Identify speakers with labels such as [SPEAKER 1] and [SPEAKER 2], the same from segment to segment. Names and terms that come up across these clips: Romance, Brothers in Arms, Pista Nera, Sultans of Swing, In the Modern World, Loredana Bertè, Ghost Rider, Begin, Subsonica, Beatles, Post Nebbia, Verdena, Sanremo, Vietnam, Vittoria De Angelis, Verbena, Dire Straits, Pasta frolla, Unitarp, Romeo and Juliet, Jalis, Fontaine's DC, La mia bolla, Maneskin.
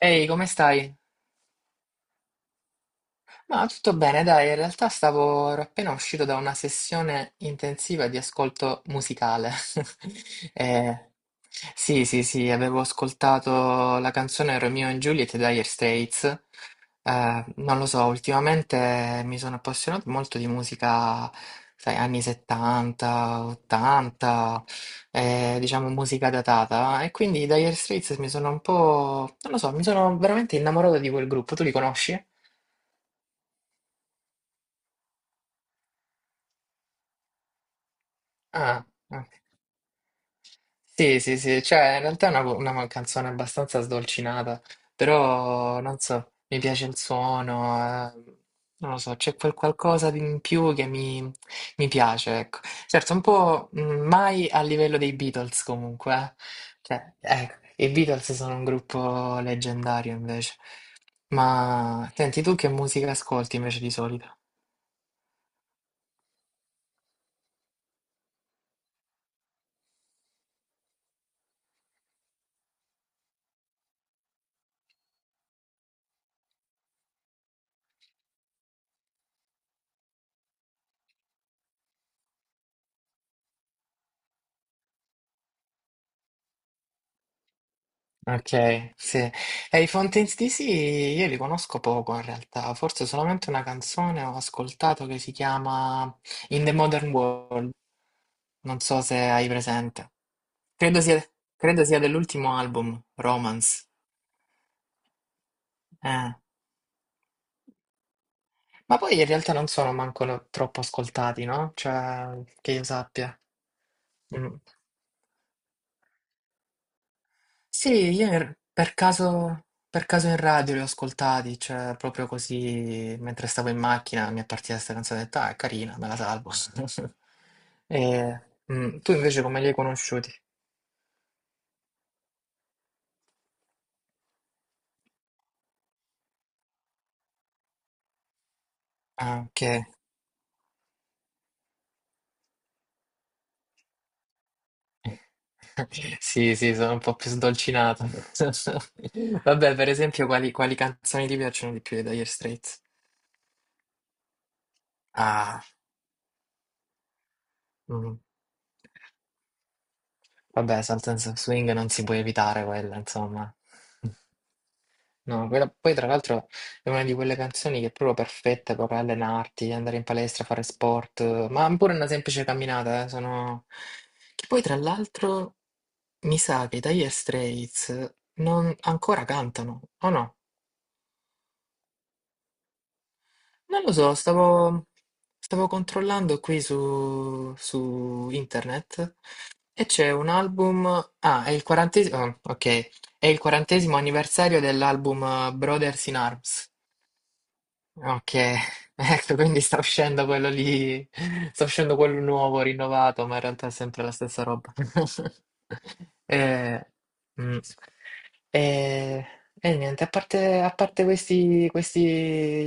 [SPEAKER 1] Ehi, come stai? Ma tutto bene, dai, in realtà stavo ero appena uscito da una sessione intensiva di ascolto musicale. Eh, sì, avevo ascoltato la canzone Romeo and Juliet di Dire Straits. Non lo so, ultimamente mi sono appassionato molto di musica, sai, anni 70, 80, diciamo musica datata. E quindi i Dire Straits mi sono un po', non lo so, mi sono veramente innamorato di quel gruppo. Tu li conosci? Ah, ah. Sì, cioè in realtà è una canzone abbastanza sdolcinata, però non so, mi piace il suono, eh, non lo so, c'è quel qualcosa di in più mi piace, ecco. Certo, un po' mai a livello dei Beatles comunque, eh. Cioè, ecco, i Beatles sono un gruppo leggendario invece. Ma senti, tu che musica ascolti invece di solito? Ok, sì. E i Fontaine's DC io li conosco poco in realtà, forse solamente una canzone ho ascoltato che si chiama In the Modern World, non so se hai presente. Credo sia, credo sia dell'ultimo album, Romance. Eh. Ma poi in realtà non sono manco troppo ascoltati, no? Cioè, che io sappia. Mm. Sì, per per caso in radio li ho ascoltati, cioè proprio così mentre stavo in macchina mi è partita questa canzone, ho detto, ah, è carina, me la salvo. E, mm, tu invece come li hai conosciuti? Ah, ok. Sì, sì, sono un po' più sdolcinato. Vabbè, per esempio, quali canzoni ti piacciono di più dei Dire Straits? Ah, mm. Vabbè, Sultans of Swing non si può evitare quella, insomma. No, poi tra l'altro è una di quelle canzoni che è proprio perfetta per allenarti, andare in palestra, fare sport, ma pure una semplice camminata, sono... Che poi tra l'altro mi sa che i Dire Straits non ancora cantano, o no? Non lo so, stavo controllando su internet e c'è un album... Ah, è il quarantesimo... ok, è il quarantesimo anniversario dell'album Brothers in Arms. Ok, ecco, quindi sta uscendo quello lì, sta uscendo quello nuovo, rinnovato, ma in realtà è sempre la stessa roba. Eh, mm. E, e niente, a parte questi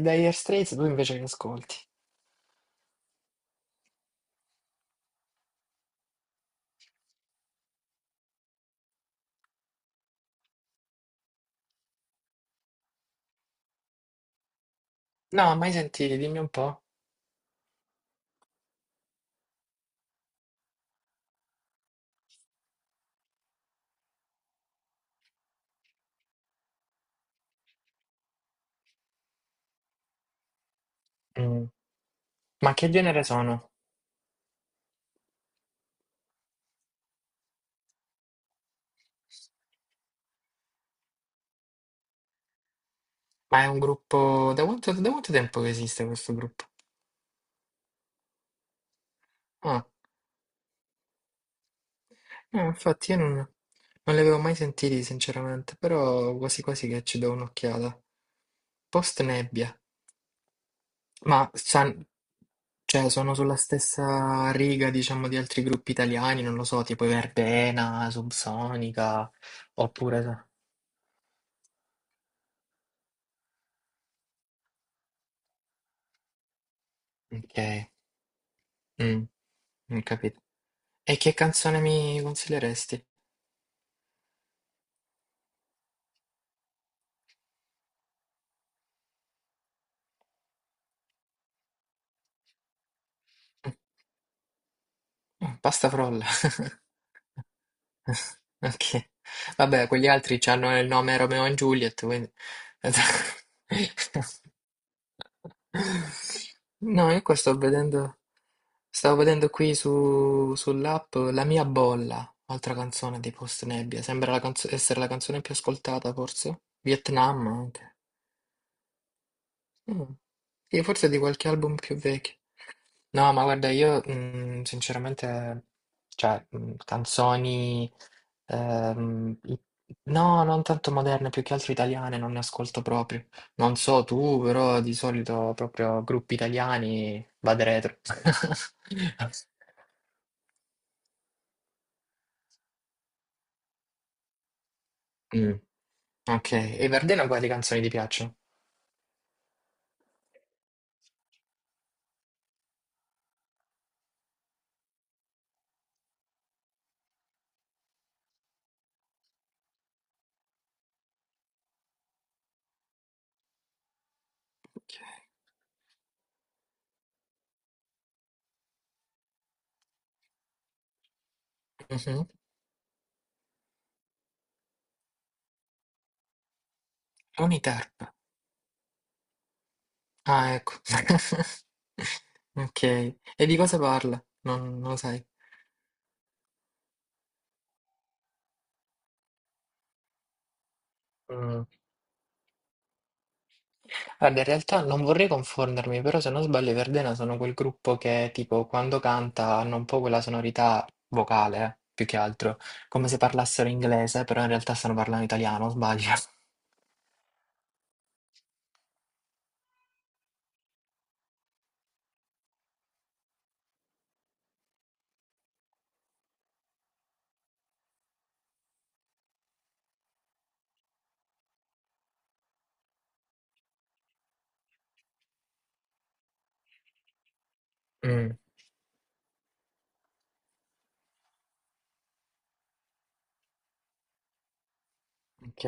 [SPEAKER 1] Dire Straits, tu invece che ascolti? No, mai sentiti, dimmi un po'. Mm. Ma che genere sono? Ma è un gruppo... da quanto tempo che esiste questo gruppo? Ah. Infatti io non li avevo mai sentiti sinceramente, però quasi quasi che ci do un'occhiata. Post Nebbia, ma san- cioè, sono sulla stessa riga, diciamo, di altri gruppi italiani, non lo so, tipo i Verbena, Subsonica, oppure... Ok, mm, ho capito. E che canzone mi consiglieresti? Mm, Pasta frolla. Ok, vabbè, quegli altri hanno il nome Romeo e Juliet, quindi... No, io qua sto vedendo, stavo vedendo sull'app La mia bolla, altra canzone di Post Nebbia, sembra essere la canzone più ascoltata forse, Vietnam anche. Mm. Sì, forse di qualche album più vecchio. No, ma guarda, io mm, sinceramente, cioè, mm, canzoni... i no, non tanto moderne, più che altro italiane, non ne ascolto proprio. Non so tu, però di solito proprio gruppi italiani vado retro. Mm, ok, e Verdena quali canzoni ti piacciono? Mhm. Unitarp. Ah, ecco. Ok, e di cosa parla? Non lo sai. Guarda, in realtà non vorrei confondermi, però se non sbaglio i Verdena sono quel gruppo che tipo quando canta hanno un po' quella sonorità vocale, più che altro, come se parlassero inglese, però in realtà stanno parlando italiano, sbaglio. Mm, ok.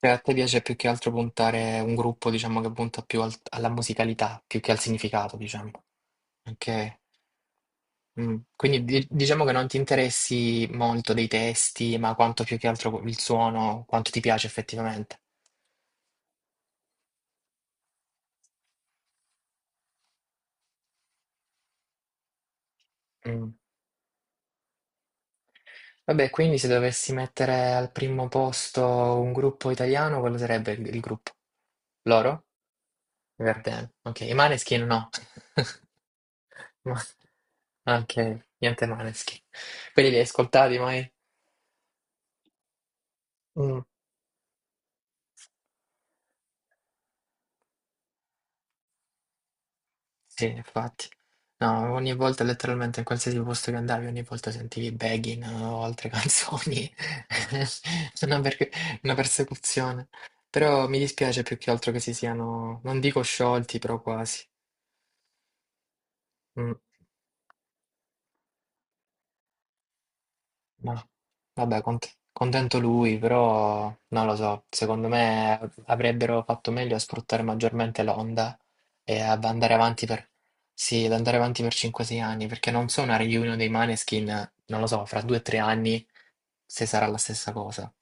[SPEAKER 1] Cioè, a te piace più che altro puntare un gruppo, diciamo, che punta più alla musicalità, più che al significato, diciamo. Ok. Mm. Quindi diciamo che non ti interessi molto dei testi, ma quanto più che altro il suono, quanto ti piace effettivamente. Mm. Vabbè, quindi se dovessi mettere al primo posto un gruppo italiano, quello sarebbe il gruppo. Loro? Verdena. Ok, i Maneskin no. Ma- Ok, niente Maneskin. Quelli li hai ascoltati mai? Mm. Sì, infatti. No, ogni volta letteralmente in qualsiasi posto che andavi, ogni volta sentivi Begin o altre canzoni. Una persecuzione. Però mi dispiace più che altro che si siano, non dico sciolti, però quasi. Mm. No. Vabbè, contento lui, però non lo so, secondo me avrebbero fatto meglio a sfruttare maggiormente l'onda e ad andare sì, ad andare avanti per 5-6 anni, perché non so una reunion dei Maneskin, non lo so, fra 2-3 anni se sarà la stessa cosa.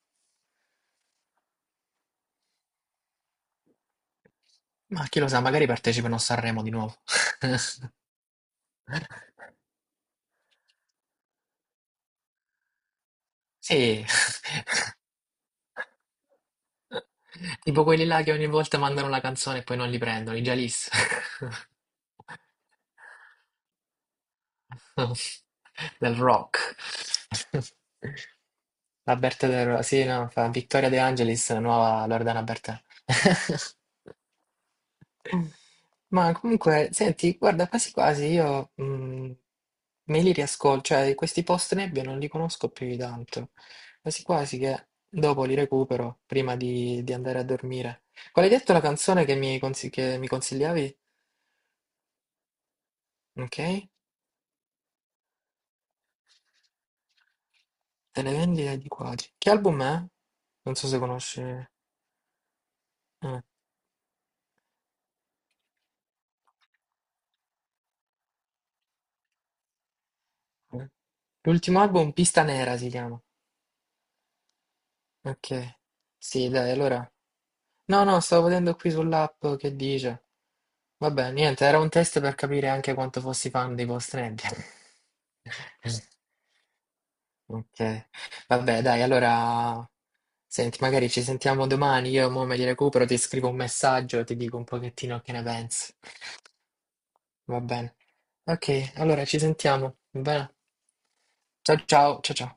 [SPEAKER 1] Ma chi lo sa, magari partecipano a Sanremo di nuovo. Sì, tipo quelli là che ogni volta mandano una canzone e poi non li prendono, i Jalis. Del rock. Sì, no, fa Vittoria De Angelis, la nuova Loredana Bertè. Ma comunque, senti, guarda, quasi quasi io me li riascolto, cioè questi post nebbia non li conosco più di tanto. Quasi quasi che dopo li recupero prima di andare a dormire. Qual hai detto la canzone che mi consigliavi? Ok? Delle vendite di quasi. Che album è? Non so se conosci. Eh. L'ultimo album, Pista Nera si chiama. Ok. Sì, dai, allora. No, no, stavo vedendo qui sull'app che dice. Vabbè, niente, era un test per capire anche quanto fossi fan dei Ghost Rider. Ok. Vabbè, dai, allora. Senti, magari ci sentiamo domani. Io mo me li recupero, ti scrivo un messaggio e ti dico un pochettino che ne pensi. Va bene. Ok, allora ci sentiamo, va bene? Ciao ciao, ciao ciao.